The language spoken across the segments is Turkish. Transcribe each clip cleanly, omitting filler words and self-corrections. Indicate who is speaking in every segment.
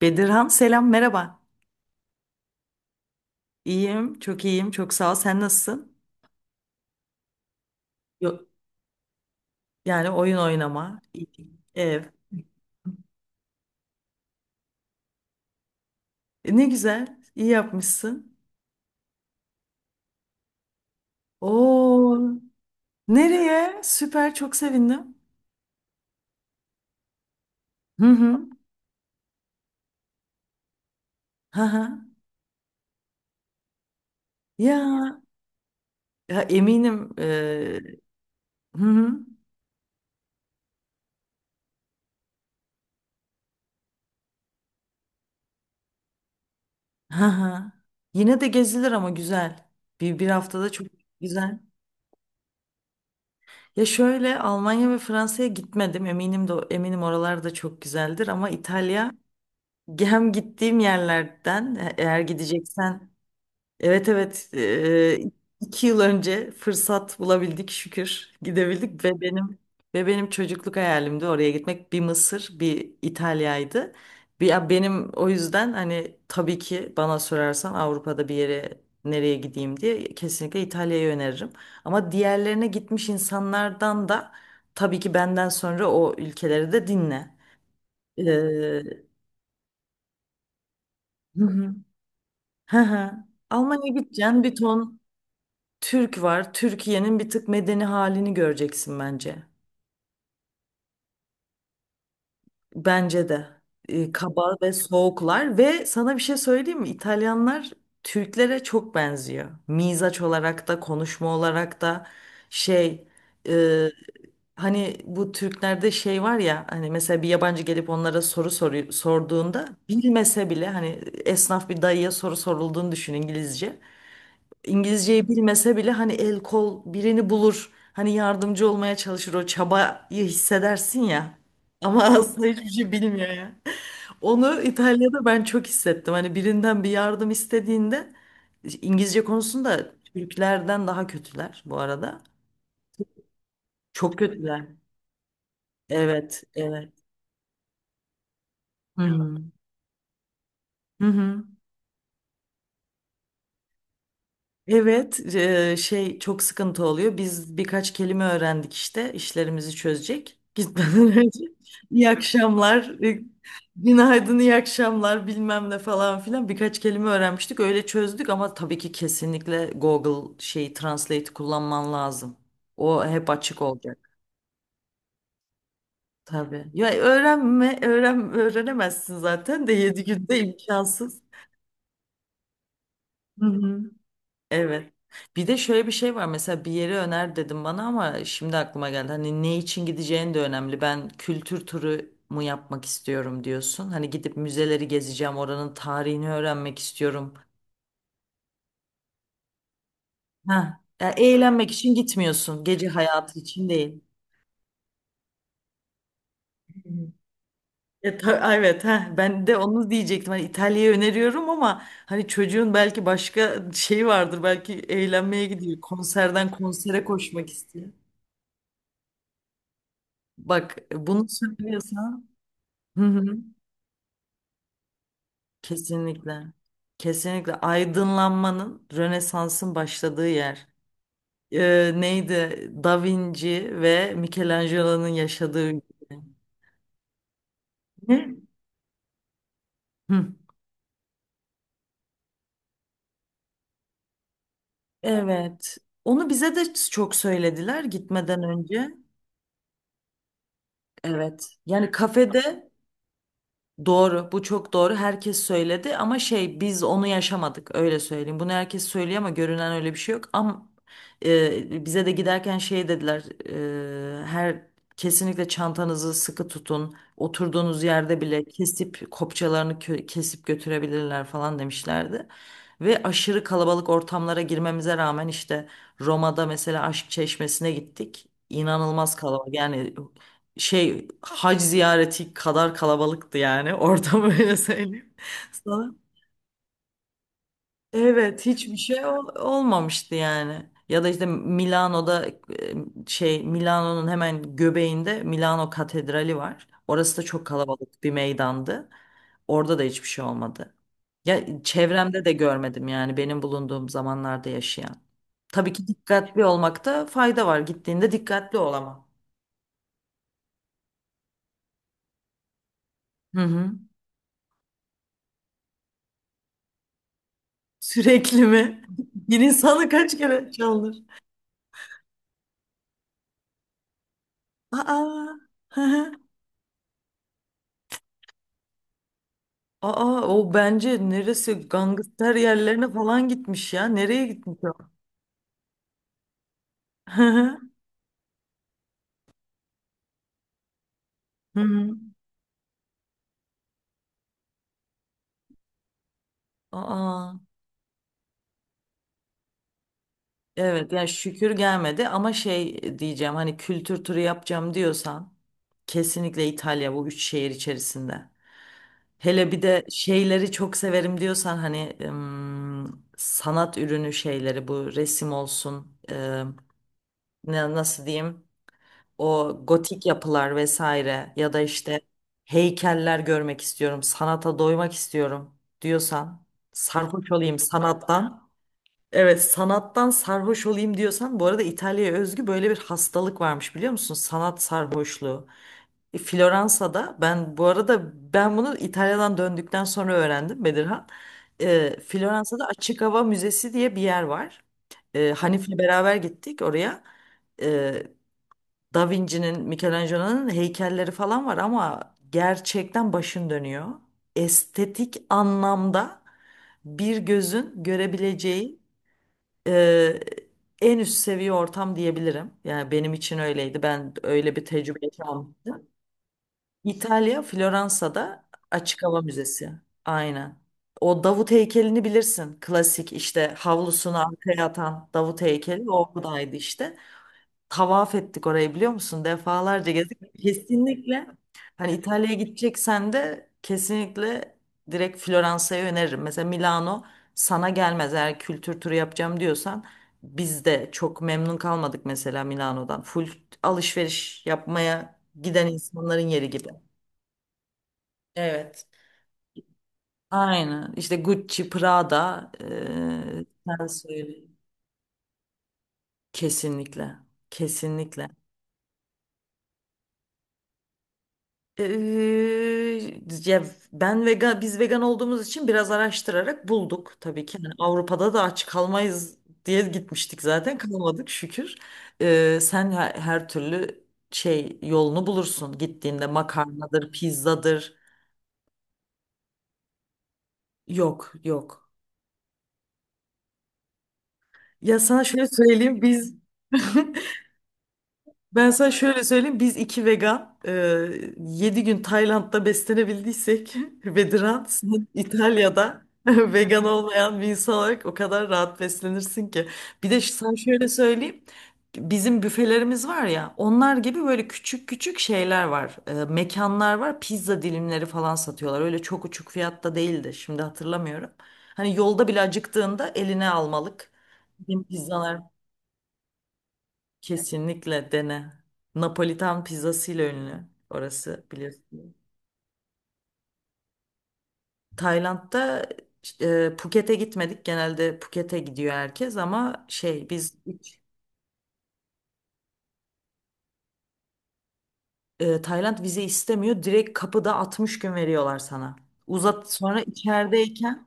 Speaker 1: Bedirhan, selam, merhaba. İyiyim, çok iyiyim, çok sağ ol. Sen nasılsın? Yok, yani oyun oynama, ev. Ne güzel, iyi yapmışsın. Oo, nereye? Süper, çok sevindim. Hı hı. Hı hı. Ya, ya eminim. Hı hı. Hı hı. Yine de gezilir ama güzel. Bir haftada çok güzel. Ya şöyle, Almanya ve Fransa'ya gitmedim. Eminim de eminim, oralar da çok güzeldir ama İtalya. Hem gittiğim yerlerden eğer gideceksen, evet evet, 2 yıl önce fırsat bulabildik, şükür gidebildik, ve benim çocukluk hayalimdi oraya gitmek: bir Mısır, bir İtalya'ydı. Bir, ya benim o yüzden, hani, tabii ki bana sorarsan Avrupa'da bir yere nereye gideyim diye, kesinlikle İtalya'yı öneririm. Ama diğerlerine gitmiş insanlardan da, tabii ki benden sonra, o ülkeleri de dinle. Ee, Hı hı. Almanya'ya gideceksin, bir ton Türk var. Türkiye'nin bir tık medeni halini göreceksin bence. Bence de. Kaba ve soğuklar, ve sana bir şey söyleyeyim mi? İtalyanlar Türklere çok benziyor. Mizaç olarak da konuşma olarak da, şey, e, hani bu Türklerde şey var ya, hani mesela bir yabancı gelip onlara soru sorduğunda, bilmese bile, hani, esnaf bir dayıya soru sorulduğunu düşün, İngilizce. İngilizceyi bilmese bile hani, el kol birini bulur. Hani yardımcı olmaya çalışır, o çabayı hissedersin ya. Ama aslında hiçbir şey bilmiyor ya. Onu İtalya'da ben çok hissettim. Hani birinden bir yardım istediğinde, İngilizce konusunda Türklerden daha kötüler bu arada. Çok kötüler. Evet, evet. Hı hı. Hı hı. Evet, şey, çok sıkıntı oluyor. Biz birkaç kelime öğrendik işte, işlerimizi çözecek. Gitmeden önce iyi akşamlar, günaydın, iyi akşamlar, bilmem ne falan filan, birkaç kelime öğrenmiştik. Öyle çözdük, ama tabii ki kesinlikle Google şeyi, Translate, kullanman lazım. O hep açık olacak. Tabii. Ya öğrenemezsin zaten de, 7 günde imkansız. Hı hı. Evet. Bir de şöyle bir şey var. Mesela bir yeri öner dedim bana, ama şimdi aklıma geldi, hani ne için gideceğin de önemli. Ben kültür turu mu yapmak istiyorum diyorsun. Hani gidip müzeleri gezeceğim, oranın tarihini öğrenmek istiyorum. Ha, ya eğlenmek için gitmiyorsun. Gece hayatı için değil. Evet, ha, ben de onu diyecektim. Hani İtalya'yı öneriyorum, ama hani çocuğun belki başka şeyi vardır. Belki eğlenmeye gidiyor, konserden konsere koşmak istiyor. Bak, bunu söylüyorsan. Hı hı. Kesinlikle. Kesinlikle aydınlanmanın, Rönesans'ın başladığı yer. Neydi? Da Vinci ve Michelangelo'nun yaşadığı ülke. Ne? Hı. Evet. Onu bize de çok söylediler gitmeden önce. Evet. Yani kafede. Doğru, bu çok doğru. Herkes söyledi, ama şey, biz onu yaşamadık, öyle söyleyeyim. Bunu herkes söylüyor ama görünen öyle bir şey yok. Ama bize de giderken şey dediler. E, her Kesinlikle çantanızı sıkı tutun. Oturduğunuz yerde bile kesip kopçalarını kesip götürebilirler falan demişlerdi. Ve aşırı kalabalık ortamlara girmemize rağmen, işte Roma'da mesela Aşk Çeşmesi'ne gittik. İnanılmaz kalabalık, yani, şey, hac ziyareti kadar kalabalıktı yani orada, böyle söyleyeyim sana. Evet, hiçbir şey olmamıştı yani. Ya da işte Milano'da, şey, Milano'nun hemen göbeğinde Milano Katedrali var. Orası da çok kalabalık bir meydandı. Orada da hiçbir şey olmadı. Ya çevremde de görmedim yani, benim bulunduğum zamanlarda yaşayan. Tabii ki dikkatli olmakta fayda var. Gittiğinde dikkatli ol ama. Hı hı. Sürekli mi? Bir insanı kaç kere çaldır? Aa, hı hı. Aa, o bence neresi gangster yerlerine falan gitmiş ya. Nereye gitmiş o? Hı hı. Hı hı. Aa, evet ya, şükür gelmedi, ama şey diyeceğim, hani kültür turu yapacağım diyorsan, kesinlikle İtalya bu üç şehir içerisinde. Hele bir de şeyleri çok severim diyorsan, hani, sanat ürünü şeyleri, bu resim olsun, nasıl diyeyim, o gotik yapılar vesaire, ya da işte heykeller görmek istiyorum, sanata doymak istiyorum diyorsan, sarhoş olayım sanattan. Evet, sanattan sarhoş olayım diyorsan, bu arada İtalya'ya özgü böyle bir hastalık varmış, biliyor musun? Sanat sarhoşluğu. E, Floransa'da, ben bu arada ben bunu İtalya'dan döndükten sonra öğrendim Bedirhan. Floransa'da Açık Hava Müzesi diye bir yer var. Hanif'le beraber gittik oraya. E, Da Vinci'nin, Michelangelo'nun heykelleri falan var, ama gerçekten başın dönüyor. Estetik anlamda bir gözün görebileceği e, en üst seviye ortam diyebilirim. Yani benim için öyleydi. Ben öyle bir tecrübe yaşamıştım. İtalya, Floransa'da. Açık Hava Müzesi. Aynen. O Davut heykelini bilirsin. Klasik işte havlusunu arkaya atan Davut heykeli oradaydı, işte tavaf ettik orayı, biliyor musun? Defalarca gezdik. Kesinlikle, hani, İtalya'ya gideceksen de kesinlikle direkt Floransa'yı öneririm. Mesela Milano sana gelmez eğer kültür turu yapacağım diyorsan. Biz de çok memnun kalmadık mesela Milano'dan. Full alışveriş yapmaya giden insanların yeri gibi. Evet. Aynen. İşte Gucci, Prada, sen söyle. Kesinlikle. Kesinlikle. Ya ben vegan, biz vegan olduğumuz için biraz araştırarak bulduk tabii ki. Yani Avrupa'da da aç kalmayız diye gitmiştik, zaten kalmadık şükür. Sen her türlü şey yolunu bulursun gittiğinde, makarnadır, pizzadır. Yok yok. Ya sana şöyle söyleyeyim, biz ben sana şöyle söyleyeyim. Biz iki vegan 7 gün Tayland'da beslenebildiysek, ve Dilan, sen İtalya'da vegan olmayan bir insan olarak o kadar rahat beslenirsin ki. Bir de sana şöyle söyleyeyim. Bizim büfelerimiz var ya, onlar gibi böyle küçük küçük şeyler var. Mekanlar var. Pizza dilimleri falan satıyorlar. Öyle çok uçuk fiyatta değildi. Şimdi hatırlamıyorum. Hani yolda bile acıktığında eline almalık. Bizim pizzalar. Kesinlikle dene. Napolitan pizzasıyla ünlü orası, biliyorsun. Tayland'da Phuket'e gitmedik. Genelde Phuket'e gidiyor herkes, ama şey, biz hiç, Tayland vize istemiyor. Direkt kapıda 60 gün veriyorlar sana. Uzat sonra içerideyken,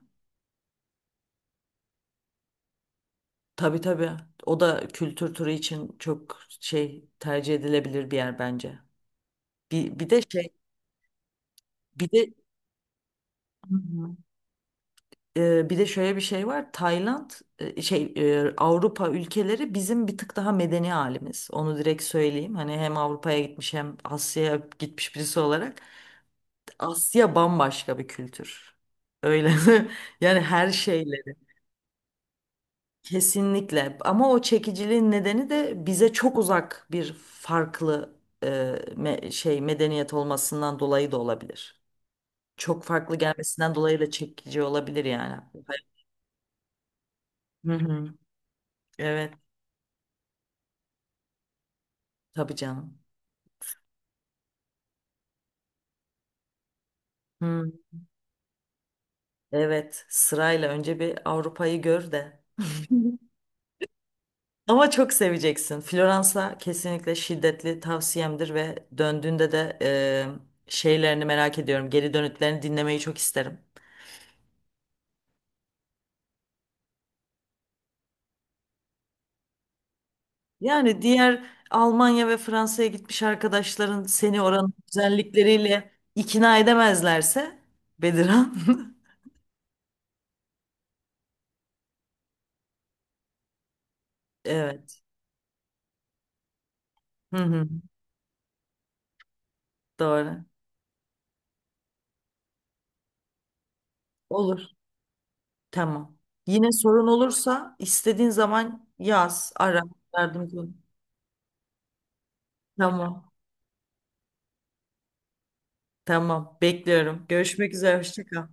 Speaker 1: tabii tabii, o da kültür turu için çok şey, tercih edilebilir bir yer bence. Bir, bir de şey bir de bir de şöyle bir şey var. Tayland, Avrupa ülkeleri bizim bir tık daha medeni halimiz. Onu direkt söyleyeyim. Hani hem Avrupa'ya gitmiş hem Asya'ya gitmiş birisi olarak, Asya bambaşka bir kültür. Öyle. Yani her şeyleri kesinlikle. Ama o çekiciliğin nedeni de bize çok uzak, bir farklı, medeniyet olmasından dolayı da olabilir. Çok farklı gelmesinden dolayı da çekici olabilir yani. Hı hı. Evet, tabii canım. Hmm, evet, sırayla önce bir Avrupa'yı gör de. Ama çok seveceksin. Floransa kesinlikle şiddetli tavsiyemdir, ve döndüğünde de şeylerini merak ediyorum. Geri dönütlerini dinlemeyi çok isterim. Yani diğer Almanya ve Fransa'ya gitmiş arkadaşların seni oranın güzellikleriyle ikna edemezlerse, Bediran. Evet. Hı hı, doğru. Olur. Tamam. Yine sorun olursa istediğin zaman yaz, ara, yardımcı ol. Tamam. Tamam. Bekliyorum. Görüşmek üzere. Hoşça kal.